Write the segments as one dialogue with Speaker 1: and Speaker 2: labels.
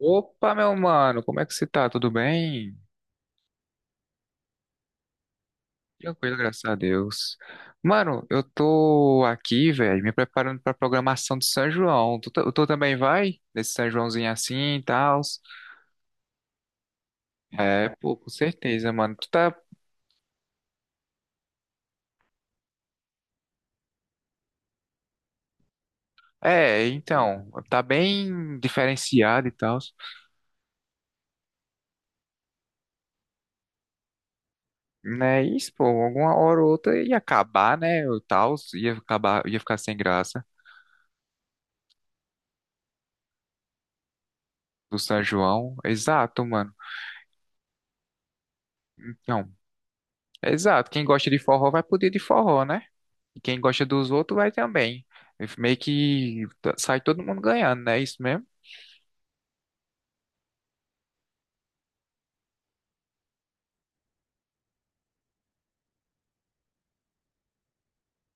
Speaker 1: Opa, meu mano, como é que você tá? Tudo bem? Tranquilo, graças a Deus. Mano, eu tô aqui, velho, me preparando pra programação de São João. Tu também vai? Nesse São Joãozinho assim e tal? É, pô, com certeza, mano. Tu tá. É, então, tá bem diferenciado e tal. Né? Isso, pô, alguma hora ou outra ia acabar, né? O tal, ia acabar, ia ficar sem graça do São João. Exato, mano. Então, exato. Quem gosta de forró vai poder de forró, né? E quem gosta dos outros vai também. Meio que sai todo mundo ganhando, né? Isso mesmo?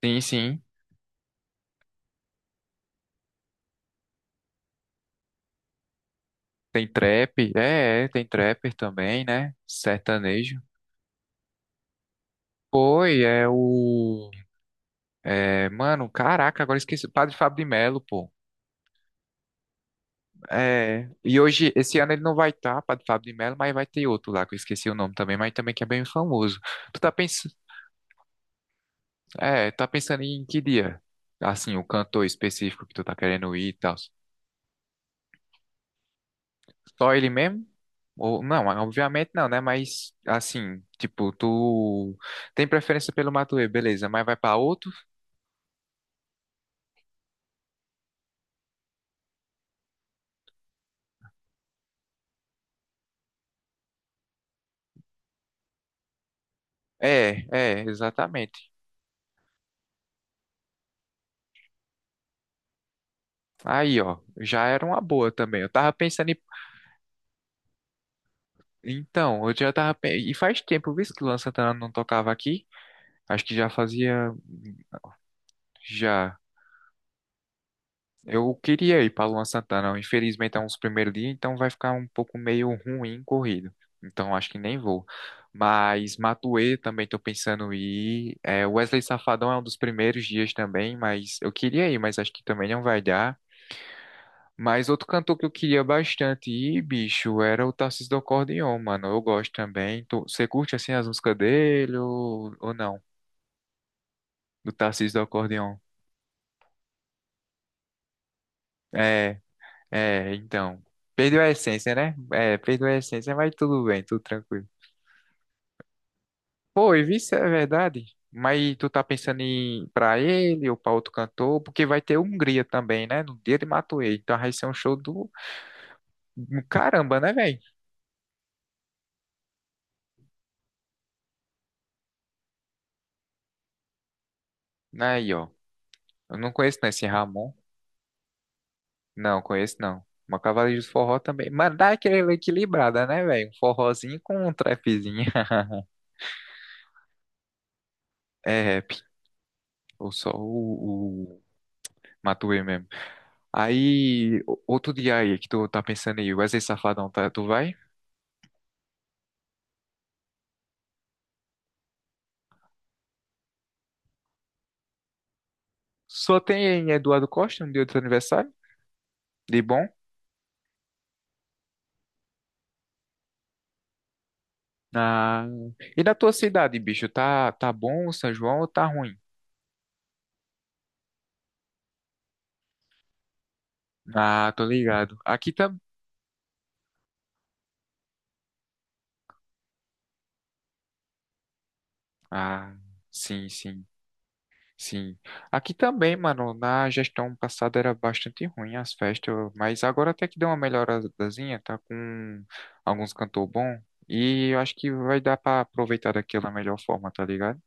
Speaker 1: Sim, sim. Tem trap. É, tem trapper também, né? Sertanejo. Foi, é o. É, mano, caraca, agora esqueci. Padre Fábio de Melo, pô. É. E hoje, esse ano ele não vai estar, Padre Fábio de Melo, mas vai ter outro lá, que eu esqueci o nome também, mas também que é bem famoso. Tu tá pensando. É, tá pensando em que dia? Assim, o cantor específico que tu tá querendo ir e tal. Só ele mesmo? Ou, não, obviamente não, né? Mas assim, tipo, tu tem preferência pelo Matuê, beleza, mas vai pra outro? É, exatamente. Aí, ó, já era uma boa também. Eu tava pensando em. Então, eu já tava. E faz tempo, viu, que o Luan Santana não tocava aqui? Acho que já fazia. Já. Eu queria ir para Luan Santana, infelizmente é um dos primeiros dias, então vai ficar um pouco meio ruim corrido. Então acho que nem vou. Mas Matuê também estou pensando em ir. É, Wesley Safadão é um dos primeiros dias também, mas eu queria ir, mas acho que também não vai dar. Mas outro cantor que eu queria bastante ir, bicho, era o Tarcísio do Acordeon, mano. Eu gosto também. Você curte assim as músicas dele ou não? Do Tarcísio do Acordeon. É, É, então. Perdeu a essência, né? É, perdeu a essência, mas tudo bem, tudo tranquilo. Pô, e vice é verdade. Mas tu tá pensando em pra ele ou pra outro cantor? Porque vai ter Hungria também, né? No dia de Matuê. Então vai ser um show do caramba, né, velho? Aí, ó. Eu não conheço, né, esse Ramon. Não, conheço não. Uma Cavaleiros do Forró também. Mas dá aquela equilibrada, né, velho? Um forrozinho com um trapzinho. É rap. Ou só o Matuê mesmo. Aí, outro dia aí que tu tá pensando aí, Wesley Safadão, tá, tu vai? Só tem Eduardo Costa no dia do teu aniversário, de bom. Na. E na tua cidade, bicho, tá bom o São João ou tá ruim? Ah, tô ligado. Aqui também. Ah, sim, sim, sim. Aqui também, mano, na gestão passada era bastante ruim as festas, mas agora até que deu uma melhoradazinha, tá com alguns cantor bom. E eu acho que vai dar pra aproveitar daquela melhor forma, tá ligado?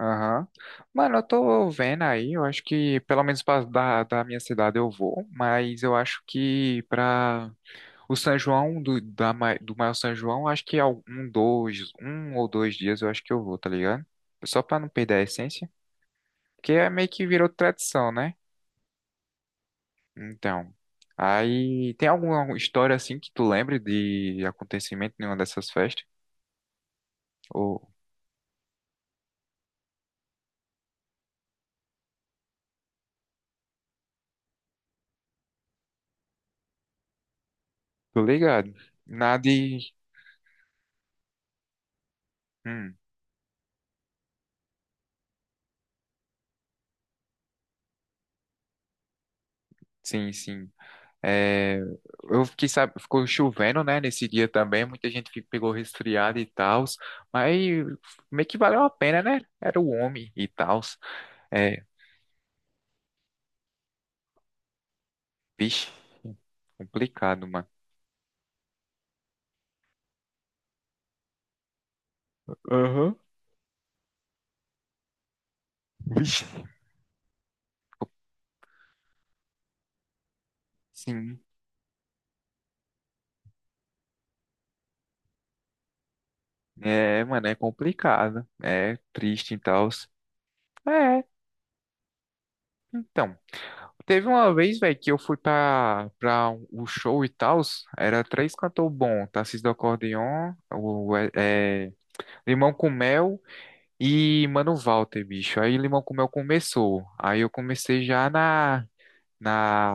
Speaker 1: Aham. Mano, eu tô vendo aí, eu acho que pelo menos pra, da minha cidade eu vou, mas eu acho que pra o São João, do maior São João, eu acho que é um ou dois dias eu acho que eu vou, tá ligado? Só pra não perder a essência, porque é meio que virou tradição, né? Então, aí tem alguma história assim que tu lembre de acontecimento em uma dessas festas? Ou, tô ligado? Nada de. Hum, sim, sim. É, eu fiquei, sabe, ficou chovendo, né, nesse dia também, muita gente pegou resfriado e tal, mas meio que valeu a pena, né? Era o homem e tal. É, vixe, complicado, mano. Aham. Vixe. Sim, é, mano, é complicado, é triste e tal. É, então, teve uma vez, velho, que eu fui pra o show e tal, era três cantor bom, Tarcísio do Acordeon, é, Limão com Mel e, mano, o Walter, bicho. Aí Limão com Mel começou. Aí eu comecei já na,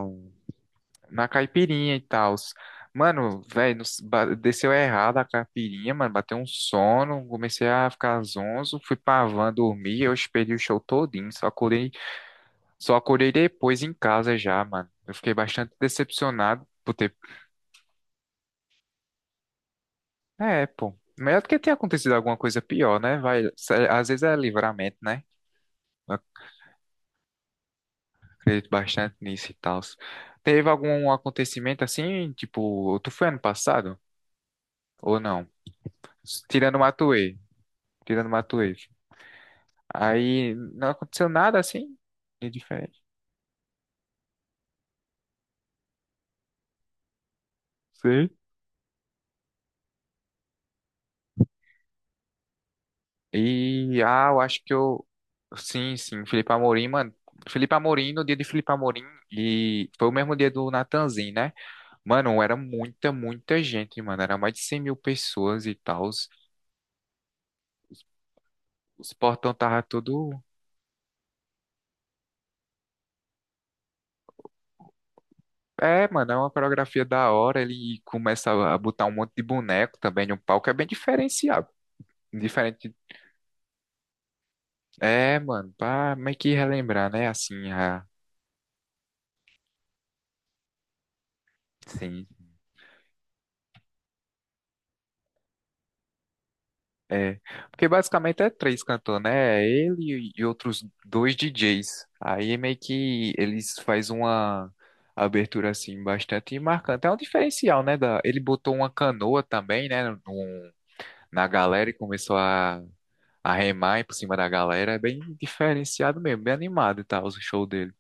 Speaker 1: na caipirinha e tal. Mano, velho, desceu errado a caipirinha, mano. Bateu um sono. Comecei a ficar zonzo. Fui pra van dormir. Eu esperei o show todinho. Só acordei, depois em casa já, mano. Eu fiquei bastante decepcionado por ter. É, pô. Melhor do que ter acontecido alguma coisa pior, né? Às vezes é livramento, né? Acredito bastante nisso e tal. Teve algum acontecimento assim, tipo, tu foi ano passado? Ou não? Tirando o Matuê. Tirando o Matuê. Aí não aconteceu nada assim de diferente. Sim. E, ah, eu acho que eu. Sim, sim, Felipe Amorim, mano. Felipe Amorim, no dia de Felipe Amorim, e foi o mesmo dia do Natanzinho, né? Mano, era muita, muita gente, mano. Era mais de 100 mil pessoas e tal. Os portão tava todo. É, mano, é uma coreografia da hora. Ele começa a botar um monte de boneco também no palco. É bem diferenciado. Diferente. É, mano, pra meio que relembrar, né? Assim, a. Sim. É. Porque basicamente é três cantores, né? É ele e outros dois DJs. Aí é meio que eles faz uma abertura assim bastante marcante. É um diferencial, né? Ele botou uma canoa também, né? Na galera e começou a arremar por cima da galera. É bem diferenciado mesmo, bem animado tá o show dele.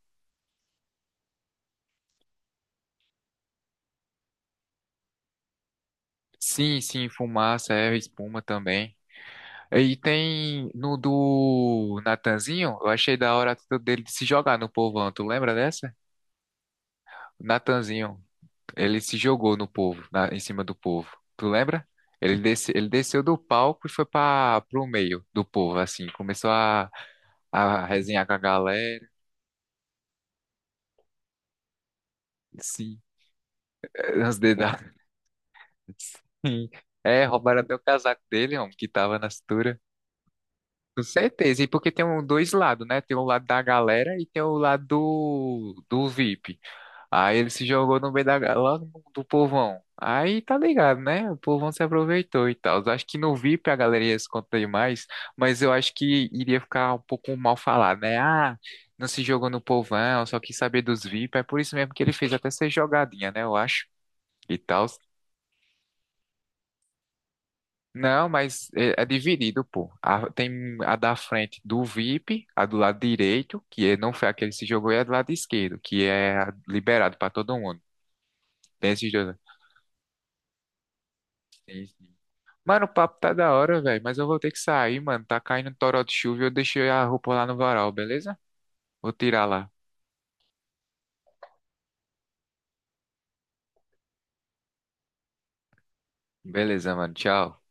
Speaker 1: Sim, sim, fumaça, é, espuma também. E tem no do Natanzinho, eu achei da hora a atitude dele de se jogar no povão. Tu lembra dessa? O Natanzinho, ele se jogou no povo, em cima do povo. Tu lembra? Ele desceu do palco e foi para pro meio do povo, assim. Começou a, resenhar com a galera, assim, os dedos. Sim. É, roubaram até o casaco dele, homem, que tava na cintura. Com certeza. E porque tem dois lados, né? Tem o lado da galera e tem o lado do VIP. Aí ele se jogou no meio da, ga- lá no- do povão. Aí tá ligado, né? O povão se aproveitou e tal. Eu acho que no VIP a galera ia se contar mais, mas eu acho que iria ficar um pouco mal falado, né? Ah, não se jogou no povão, só quis saber dos VIP. É por isso mesmo que ele fez até ser jogadinha, né? Eu acho. E tal. Não, mas é dividido, pô. Tem a da frente do VIP, a do lado direito, que não foi aquele que se jogou, e a do lado esquerdo, que é a liberado pra todo mundo. Tem esses dois, né? Sim, sim. Mano, o papo tá da hora, velho, mas eu vou ter que sair, mano. Tá caindo um toró de chuva e eu deixei a roupa lá no varal, beleza? Vou tirar lá. Beleza, mano. Tchau.